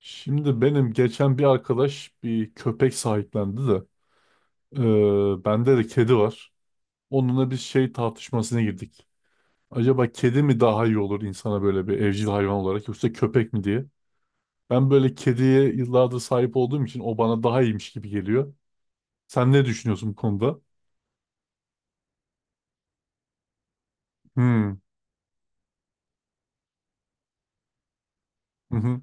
Şimdi benim geçen bir arkadaş bir köpek sahiplendi de bende de kedi var. Onunla bir şey tartışmasına girdik. Acaba kedi mi daha iyi olur insana böyle bir evcil hayvan olarak yoksa köpek mi diye. Ben böyle kediye yıllardır sahip olduğum için o bana daha iyiymiş gibi geliyor. Sen ne düşünüyorsun bu konuda? Hmm. Hı hı.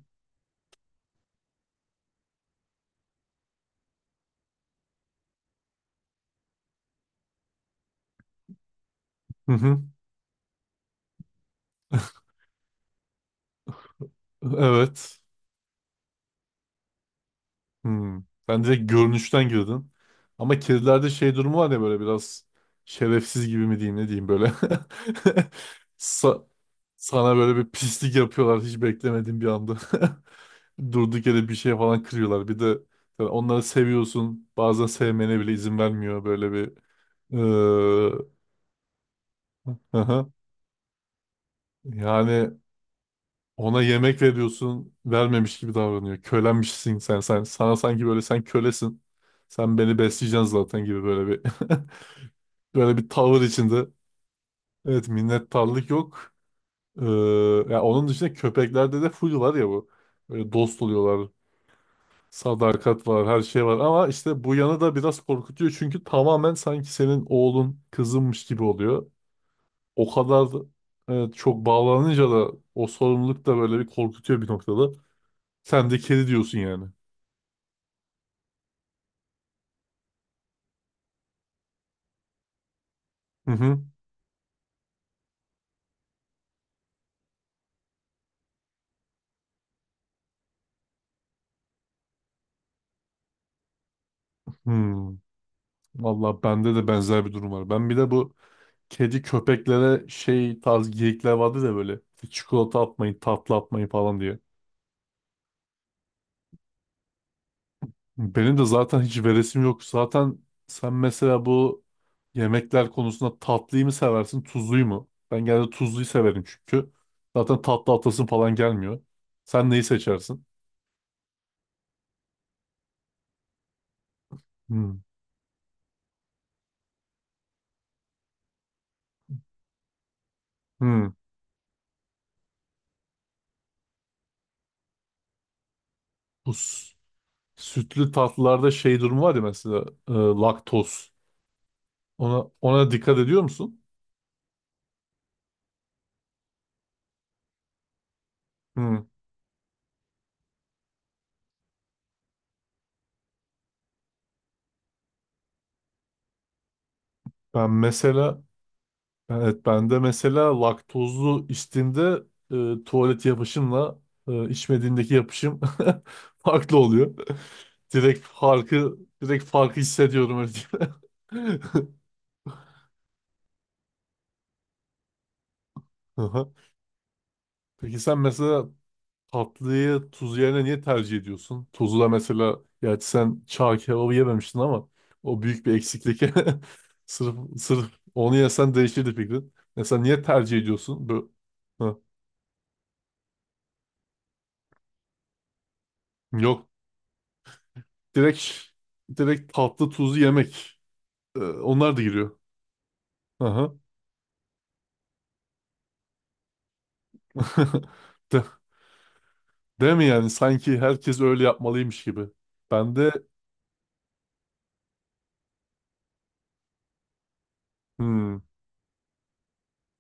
Hı hı. Evet. Hmm. Ben direkt görünüşten girdim. Ama kedilerde şey durumu var ya böyle biraz şerefsiz gibi mi diyeyim ne diyeyim böyle. Sa- sana böyle bir pislik yapıyorlar hiç beklemediğin bir anda. Durduk yere bir şey falan kırıyorlar. Bir de yani onları seviyorsun. Bazen sevmene bile izin vermiyor böyle bir. Ee, Yani ona yemek veriyorsun, vermemiş gibi davranıyor. Kölenmişsin sen, sen. Sana sanki böyle sen kölesin. Sen beni besleyeceksin zaten gibi böyle bir böyle bir tavır içinde. Evet, minnettarlık yok. Ee, ya onun dışında köpeklerde de full var ya bu. Böyle dost oluyorlar, sadakat var, her şey var. Ama işte bu yanı da biraz korkutuyor. Çünkü tamamen sanki senin oğlun, kızınmış gibi oluyor. O kadar da- evet, çok bağlanınca da o sorumluluk da böyle bir korkutuyor bir noktada. Sen de kedi diyorsun yani. Hı hı. Hmm. Valla bende de benzer bir durum var. Ben bir de bu kedi köpeklere şey tarz geyikler vardı da böyle çikolata atmayın, tatlı atmayın falan diye. Benim de zaten hiç veresim yok. Zaten sen mesela bu yemekler konusunda tatlıyı mı seversin, tuzluyu mu? Ben genelde tuzluyu severim çünkü. Zaten tatlı atasın falan gelmiyor. Sen neyi seçersin? Hmm. Hmm. Bu s- sütlü tatlılarda şey durumu var ya mesela laktoz. Ona dikkat ediyor musun? Hı. Ben mesela evet ben de mesela laktozlu içtiğimde tuvalet yapışımla içmediğimdeki yapışım farklı oluyor. Direkt farkı hissediyorum öyle diyeyim. Aha. Peki sen mesela tatlıyı tuz yerine niye tercih ediyorsun? Tuzla mesela gerçi sen çağ kebabı yememiştin ama o büyük bir eksiklik. Sırf onu yesen değişirdi fikrin. Mesela niye tercih ediyorsun? Bö- Hı. Yok. Direkt direkt tatlı tuzlu yemek. Onlar da giriyor. Aha. De, değil mi yani? Sanki herkes öyle yapmalıymış gibi. Ben de hmm,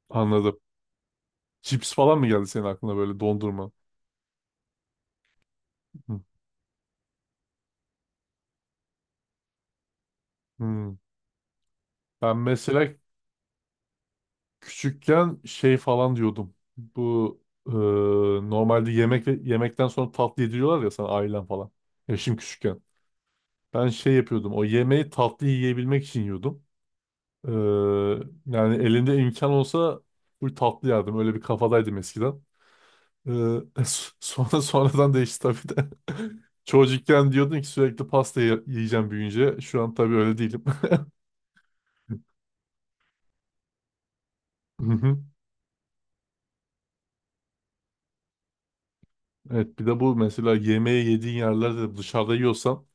anladım. Cips falan mı geldi senin aklına böyle dondurma? Hmm. Hmm. Ben mesela küçükken şey falan diyordum. Bu e, normalde yemek ve yemekten sonra tatlı yediriyorlar ya sana ailen falan. Yaşım küçükken. Ben şey yapıyordum. O yemeği tatlı yiyebilmek için yiyordum. E, yani elimde imkan olsa bu tatlı yerdim. Öyle bir kafadaydım eskiden. E, sonradan değişti tabii de. Çocukken diyordun ki sürekli yiyeceğim büyüyünce. Şu an tabii öyle değilim. Hı hı. Evet bir de bu mesela yemeği yediğin yerlerde de dışarıda yiyorsan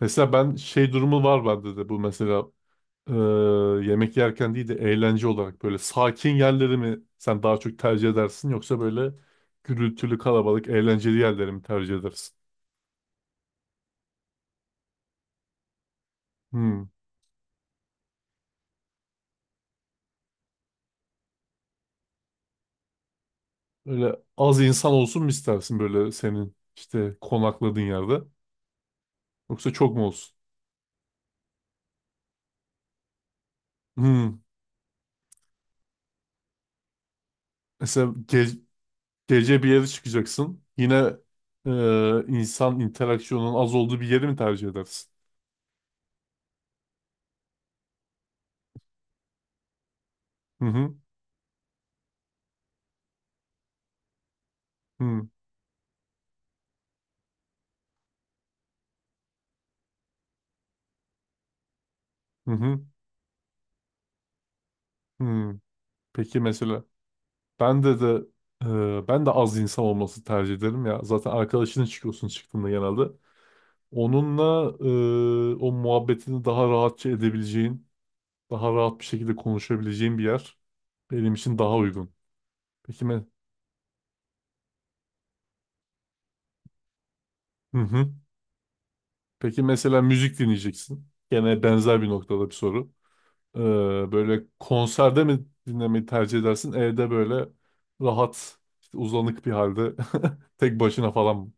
mesela ben şey durumu var bende de bu mesela e, yemek yerken değil de eğlence olarak böyle sakin yerleri mi sen daha çok tercih edersin yoksa böyle gürültülü kalabalık eğlenceli yerleri mi tercih edersin? Hmm. Böyle az insan olsun mu istersin böyle senin işte konakladığın yerde yoksa çok mu olsun? Hmm. Mesela ge- gece bir yere çıkacaksın yine insan interaksiyonunun az olduğu bir yeri mi tercih edersin? Hı hı. Hı hı. Hı. Hı. Peki mesela ben de ben de az insan olması tercih ederim ya. Zaten arkadaşının çıkıyorsun çıktığında genelde. Onunla o muhabbetini daha rahatça edebileceğin, daha rahat bir şekilde konuşabileceğin bir yer benim için daha uygun. Peki me hı hı. Peki mesela müzik dinleyeceksin. Gene benzer bir noktada bir soru. E, böyle konserde mi dinlemeyi tercih edersin? Evde böyle rahat, işte uzanık bir halde tek başına falan mı?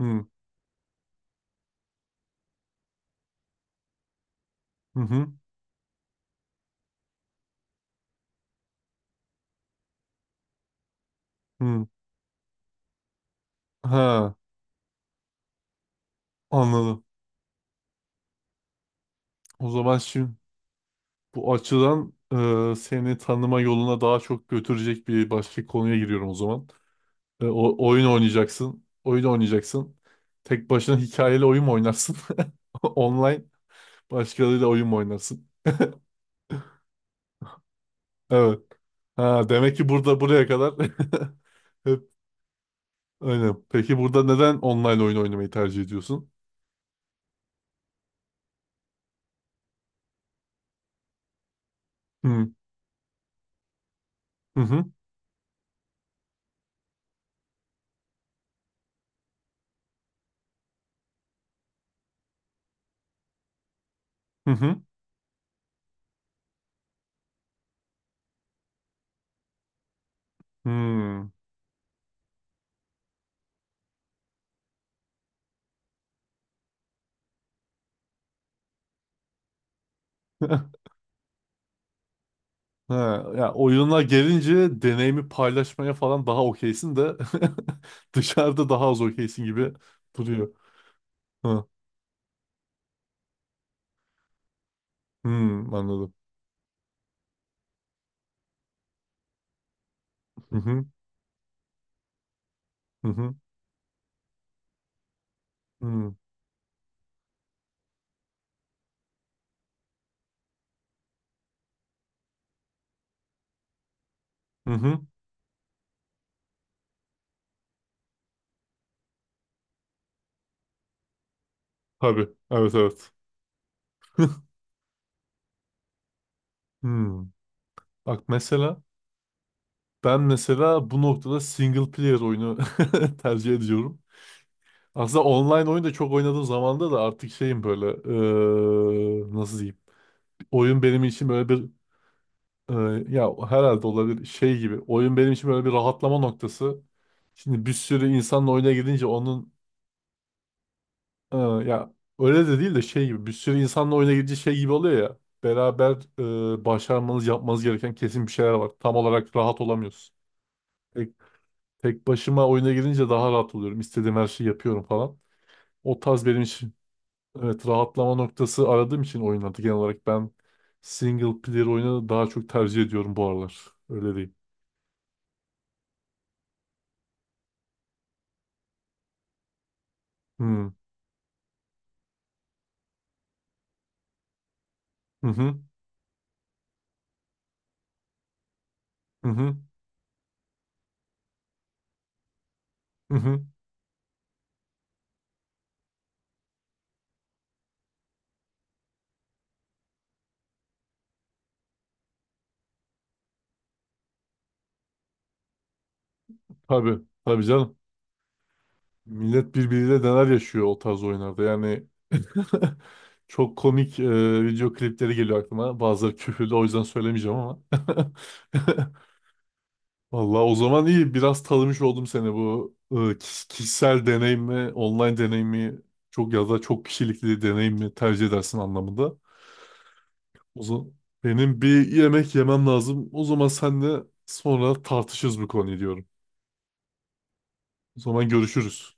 Hı hı hı. hı. Ha. Anladım. O zaman şimdi bu açıdan seni tanıma yoluna daha çok götürecek bir başka konuya giriyorum o zaman. Oyun oynayacaksın. Oyun oynayacaksın. Tek başına hikayeli oyun mu oynarsın? Online başkalarıyla oyun mu oynarsın? Evet. Ha, demek ki burada buraya kadar hep aynen. Peki burada neden online oyun oynamayı tercih ediyorsun? Hı hı hı hı. hı. Hmm. Ha, ya oyuna gelince deneyimi paylaşmaya falan daha okeysin de dışarıda daha az okeysin gibi duruyor. Ha. Hmm, anladım. Hı hı, hı hı, hı hı. hı. Tabii. Evet evet. Hmm. Bak mesela ben mesela bu noktada single player oyunu tercih ediyorum. Aslında online oyun da çok oynadığım zamanda da artık şeyim böyle nasıl diyeyim? Oyun benim için böyle bir Ee, ya herhalde olabilir şey gibi. Oyun benim için böyle bir rahatlama noktası. Şimdi bir sürü insanla oyuna gidince onun ya öyle de değil de şey gibi bir sürü insanla oyuna gidince şey gibi oluyor ya. Beraber başarmanız yapmanız gereken kesin bir şeyler var. Tam olarak rahat olamıyorsun. Tek, tek başıma oyuna girince daha rahat oluyorum. İstediğim her şeyi yapıyorum falan. O tarz benim için evet rahatlama noktası aradığım için oyunlarda genel olarak ben single player oyunu daha çok tercih ediyorum bu aralar. Öyle değil. Hmm. Hı hı. Hı hı. Hı hı. Tabii. Tabii canım. Millet birbiriyle neler yaşıyor o tarz oyunlarda. Yani çok komik video klipleri geliyor aklıma. Bazıları küfürlü o yüzden söylemeyeceğim ama. Vallahi o zaman iyi. Biraz tanımış oldum seni bu kişisel deneyim mi, online deneyim mi, çok ya da çok kişilikli deneyim mi tercih edersin anlamında. O zaman benim bir yemek yemem lazım. O zaman senle sonra tartışırız bu konuyu diyorum. O zaman görüşürüz.